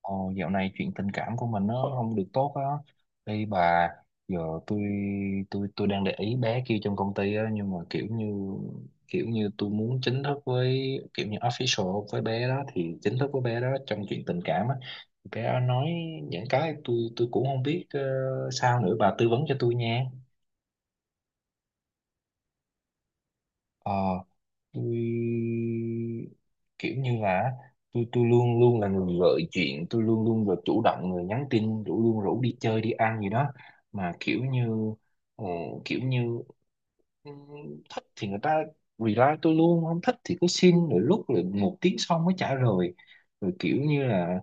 Ồ, dạo này chuyện tình cảm của mình nó không được tốt á. Đây bà, giờ tôi tôi đang để ý bé kia trong công ty á, nhưng mà kiểu như tôi muốn chính thức với, kiểu như official với bé đó, thì chính thức với bé đó trong chuyện tình cảm á. Bé đó nói những cái tôi cũng không biết sao nữa, bà tư vấn cho tôi nha. ờ tôi kiểu như là tôi luôn luôn là người gợi chuyện, tôi luôn luôn là chủ động người nhắn tin rủ luôn, rủ đi chơi đi ăn gì đó, mà kiểu như ờ, kiểu như thích thì người ta reply tôi luôn, không thích thì cứ xin rồi lúc rồi một tiếng sau mới trả lời. Rồi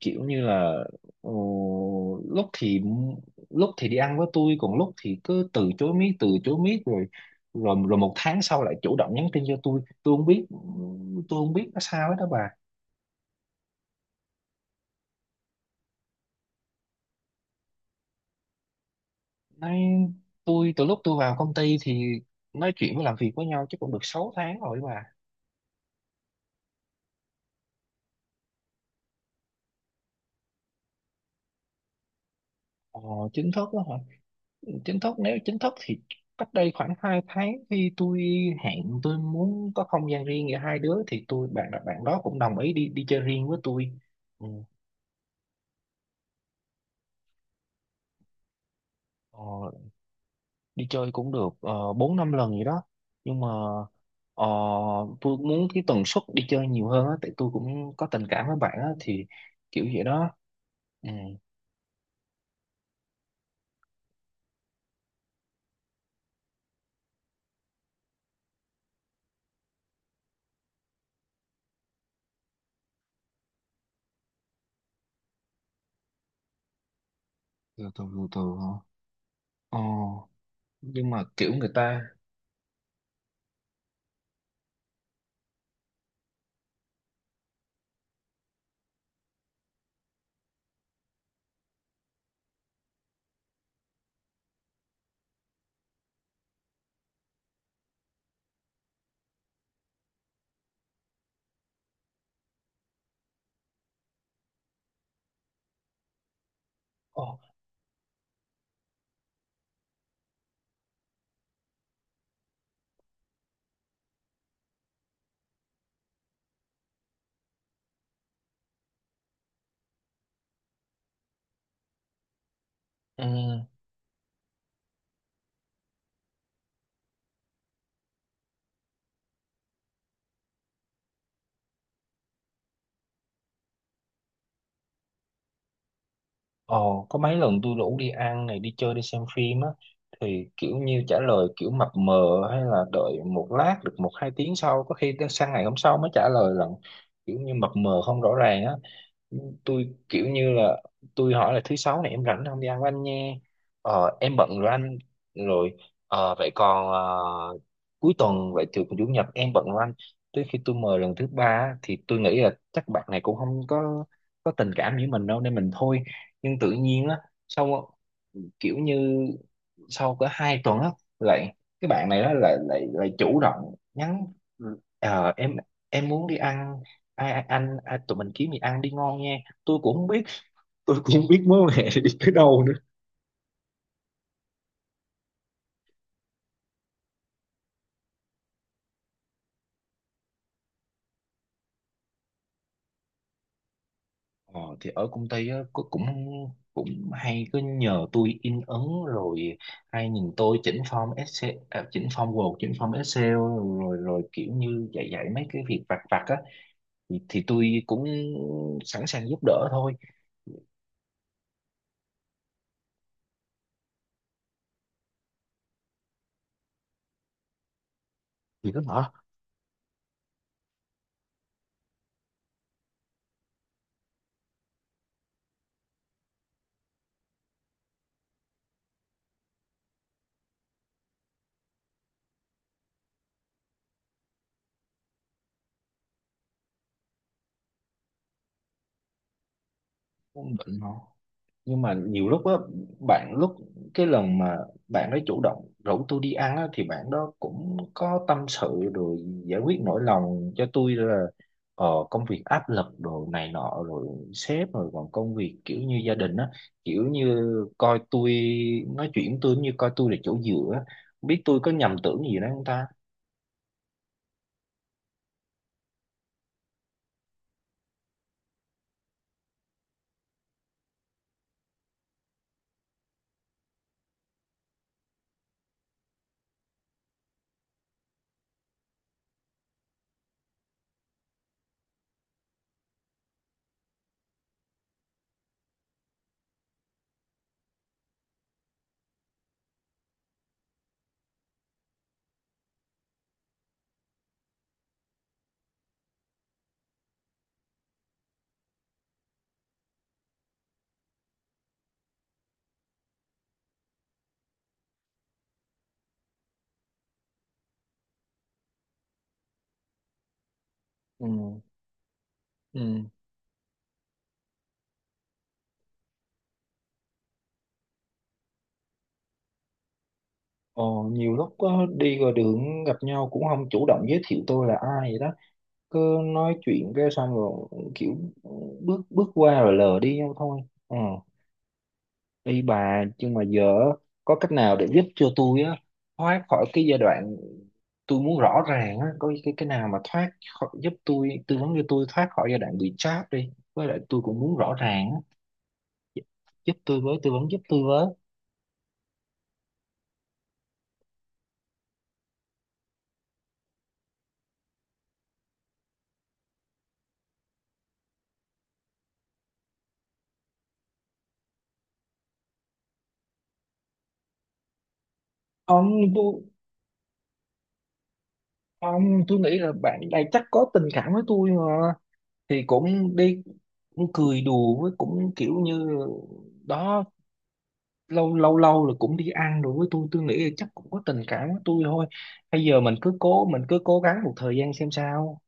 kiểu như là ờ, lúc thì lúc thì đi ăn với tôi, còn lúc thì cứ từ chối miết rồi, rồi một tháng sau lại chủ động nhắn tin cho tôi. Tôi không biết nó sao hết đó bà. Nói, tôi từ lúc tôi vào công ty thì nói chuyện với, làm việc với nhau chứ cũng được 6 tháng rồi bà. ờ, Chính thức đó hả? Chính thức, nếu chính thức thì cách đây khoảng 2 tháng, khi tôi hẹn tôi muốn có không gian riêng giữa hai đứa, thì bạn bạn đó cũng đồng ý đi, đi chơi riêng với tôi. Ừ. Ờ, đi chơi cũng được 4 5 lần gì đó, nhưng mà ờ, tôi muốn cái tần suất đi chơi nhiều hơn á, tại tôi cũng có tình cảm với bạn á, thì kiểu vậy đó. Ừ, từ từ từ từ hả? Ờ, nhưng mà kiểu người ta. Ồ, ừ. Ồ, có mấy lần tôi rủ đi ăn này, đi chơi, đi xem phim á, thì kiểu như trả lời kiểu mập mờ, hay là đợi một lát, được một hai tiếng sau, có khi tới sang ngày hôm sau mới trả lời lần. Kiểu như mập mờ không rõ ràng á. Tôi kiểu như là tôi hỏi là thứ sáu này em rảnh không, đi ăn với anh nhé. Ờ, em bận rồi anh. Rồi ờ, vậy còn cuối tuần vậy thì chủ nhật em bận rồi anh. Tới khi tôi mời lần thứ ba á, thì tôi nghĩ là chắc bạn này cũng không có có tình cảm với mình đâu, nên mình thôi. Nhưng tự nhiên á, sau kiểu như sau cỡ hai tuần á, lại cái bạn này đó lại lại lại chủ động nhắn. Ờ, em muốn đi ăn, ai ai- anh ai, tụi mình kiếm gì ăn đi ngon nha. Tôi cũng không biết tôi cũng không biết mối quan hệ đi tới đâu nữa. Ờ, thì ở công ty á cô cũng cũng hay cứ nhờ tôi in ấn, rồi hay nhìn tôi chỉnh form Excel à, chỉnh form Word, chỉnh form Excel, rồi rồi kiểu như dạy dạy mấy cái việc vặt vặt á, thì tôi cũng sẵn sàng giúp đỡ thôi. Thì cứ hả? Không định hả? Nhưng mà nhiều lúc á, bạn lúc cái lần mà bạn ấy chủ động rủ tôi đi ăn á, thì bạn đó cũng có tâm sự rồi, giải quyết nỗi lòng cho tôi là công việc áp lực rồi này nọ, rồi sếp, rồi còn công việc kiểu như gia đình á, kiểu như coi tôi, nói chuyện tôi như coi tôi là chỗ dựa á. Không biết tôi có nhầm tưởng gì đó không ta. Ừ. Ừ. Ờ, nhiều lúc có đi ngoài đường gặp nhau cũng không chủ động giới thiệu tôi là ai vậy đó, cứ nói chuyện cái xong rồi kiểu bước bước qua rồi lờ đi nhau thôi. Ừ. Đi bà, nhưng mà giờ á, có cách nào để giúp cho tôi á thoát khỏi cái giai đoạn, tôi muốn rõ ràng á, có cái nào mà thoát khỏi, giúp tôi tư vấn cho tôi thoát khỏi giai đoạn bị trap đi, với lại tôi cũng muốn rõ ràng á, giúp tôi với, tư vấn giúp tôi với. ông tôi ông, tôi nghĩ là bạn này chắc có tình cảm với tôi mà, thì cũng đi, cũng cười đùa với, cũng kiểu như đó, lâu lâu lâu rồi cũng đi ăn rồi với tôi nghĩ là chắc cũng có tình cảm với tôi thôi. Bây giờ mình cứ cố, mình cứ cố gắng một thời gian xem sao.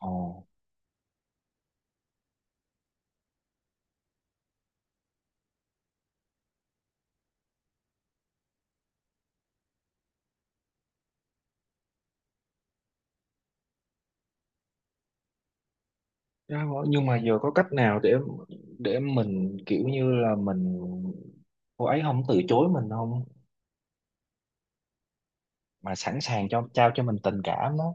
Ồ, nhưng mà giờ có cách nào để mình kiểu như là mình, cô ấy không từ chối mình không, mà sẵn sàng cho, trao cho mình tình cảm đó.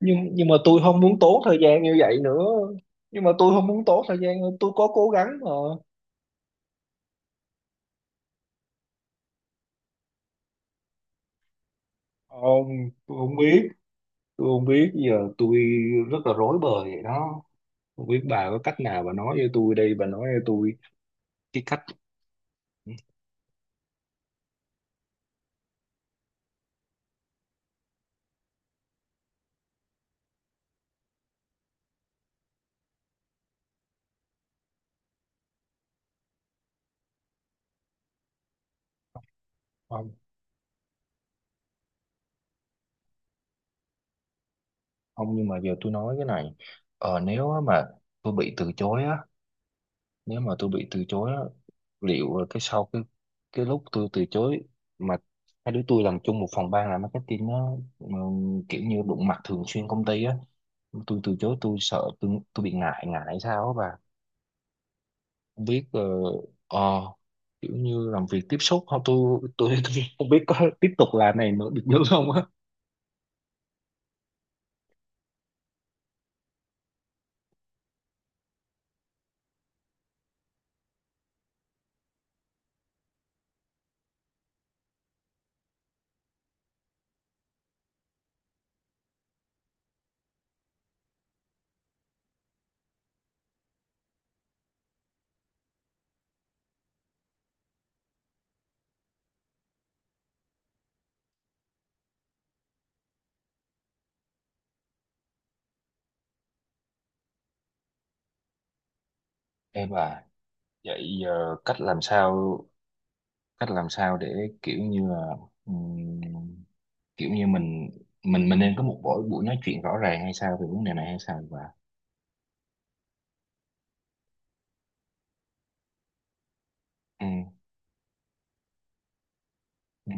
Nhưng mà tôi không muốn tốn thời gian như vậy nữa. Nhưng mà tôi không muốn tốn thời gian, tôi có cố gắng mà. Ông, tôi không biết, tôi không biết, giờ tôi rất là rối bời vậy đó. Không biết bà có cách nào, bà nói với tôi đây, bà nói với tôi cái cách. Không, không, nhưng mà giờ tôi nói cái này. Ờ, nếu á mà tôi bị từ chối á, nếu mà tôi bị từ chối á, liệu là cái sau cái lúc tôi từ chối mà hai đứa tôi làm chung một phòng ban, làm marketing á, mà kiểu như đụng mặt thường xuyên công ty á, tôi từ chối tôi sợ tôi bị ngại, ngại sao á bà? Không biết ờ, kiểu như làm việc tiếp xúc không, tôi tôi không biết có tiếp tục làm này nữa được nữa không á. Em à, vậy ờ, cách làm sao, cách làm sao để kiểu như là ừm, kiểu như mình, mình nên có một buổi buổi nói chuyện rõ ràng hay sao về vấn đề này hay sao, và ừ, ừ.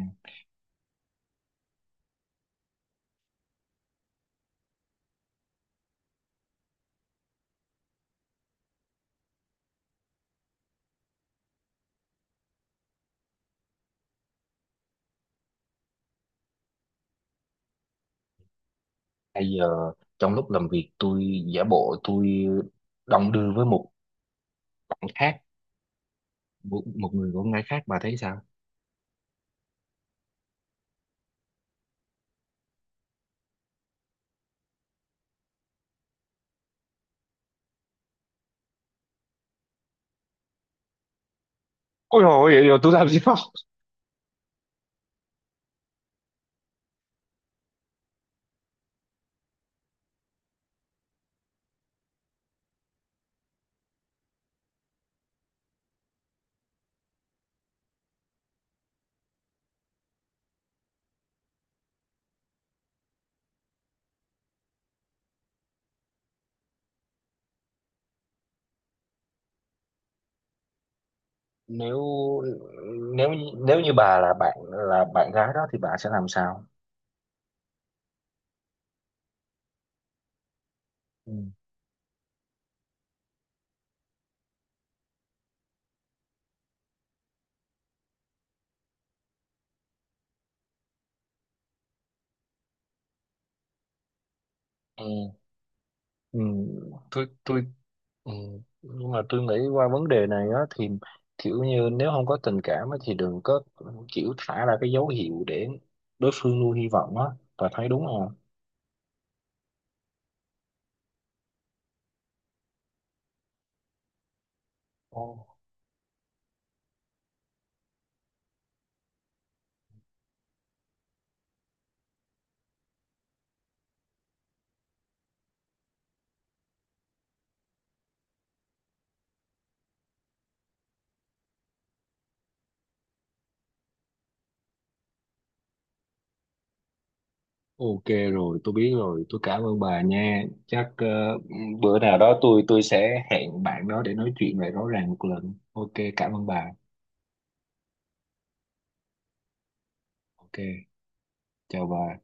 Bây giờ trong lúc làm việc tôi giả bộ tôi đồng đưa với một bạn khác, một người con gái khác, bà thấy sao? Ôi dồi ôi, vậy rồi tôi làm gì đó. Nếu nếu như bà là bạn, là bạn gái đó, thì bà sẽ làm sao? Ừ. Ừ, ừ, tôi ừ, nhưng mà tôi nghĩ qua vấn đề này á, thì kiểu như nếu không có tình cảm á, thì đừng có kiểu thả ra cái dấu hiệu để đối phương nuôi hy vọng á, bà thấy đúng không? Ồ, Ok rồi, tôi biết rồi, tôi cảm ơn bà nha. Chắc ờ, bữa nào đó tôi sẽ hẹn bạn đó để nói chuyện lại rõ ràng một lần. Ok, cảm ơn bà. Ok, chào bà.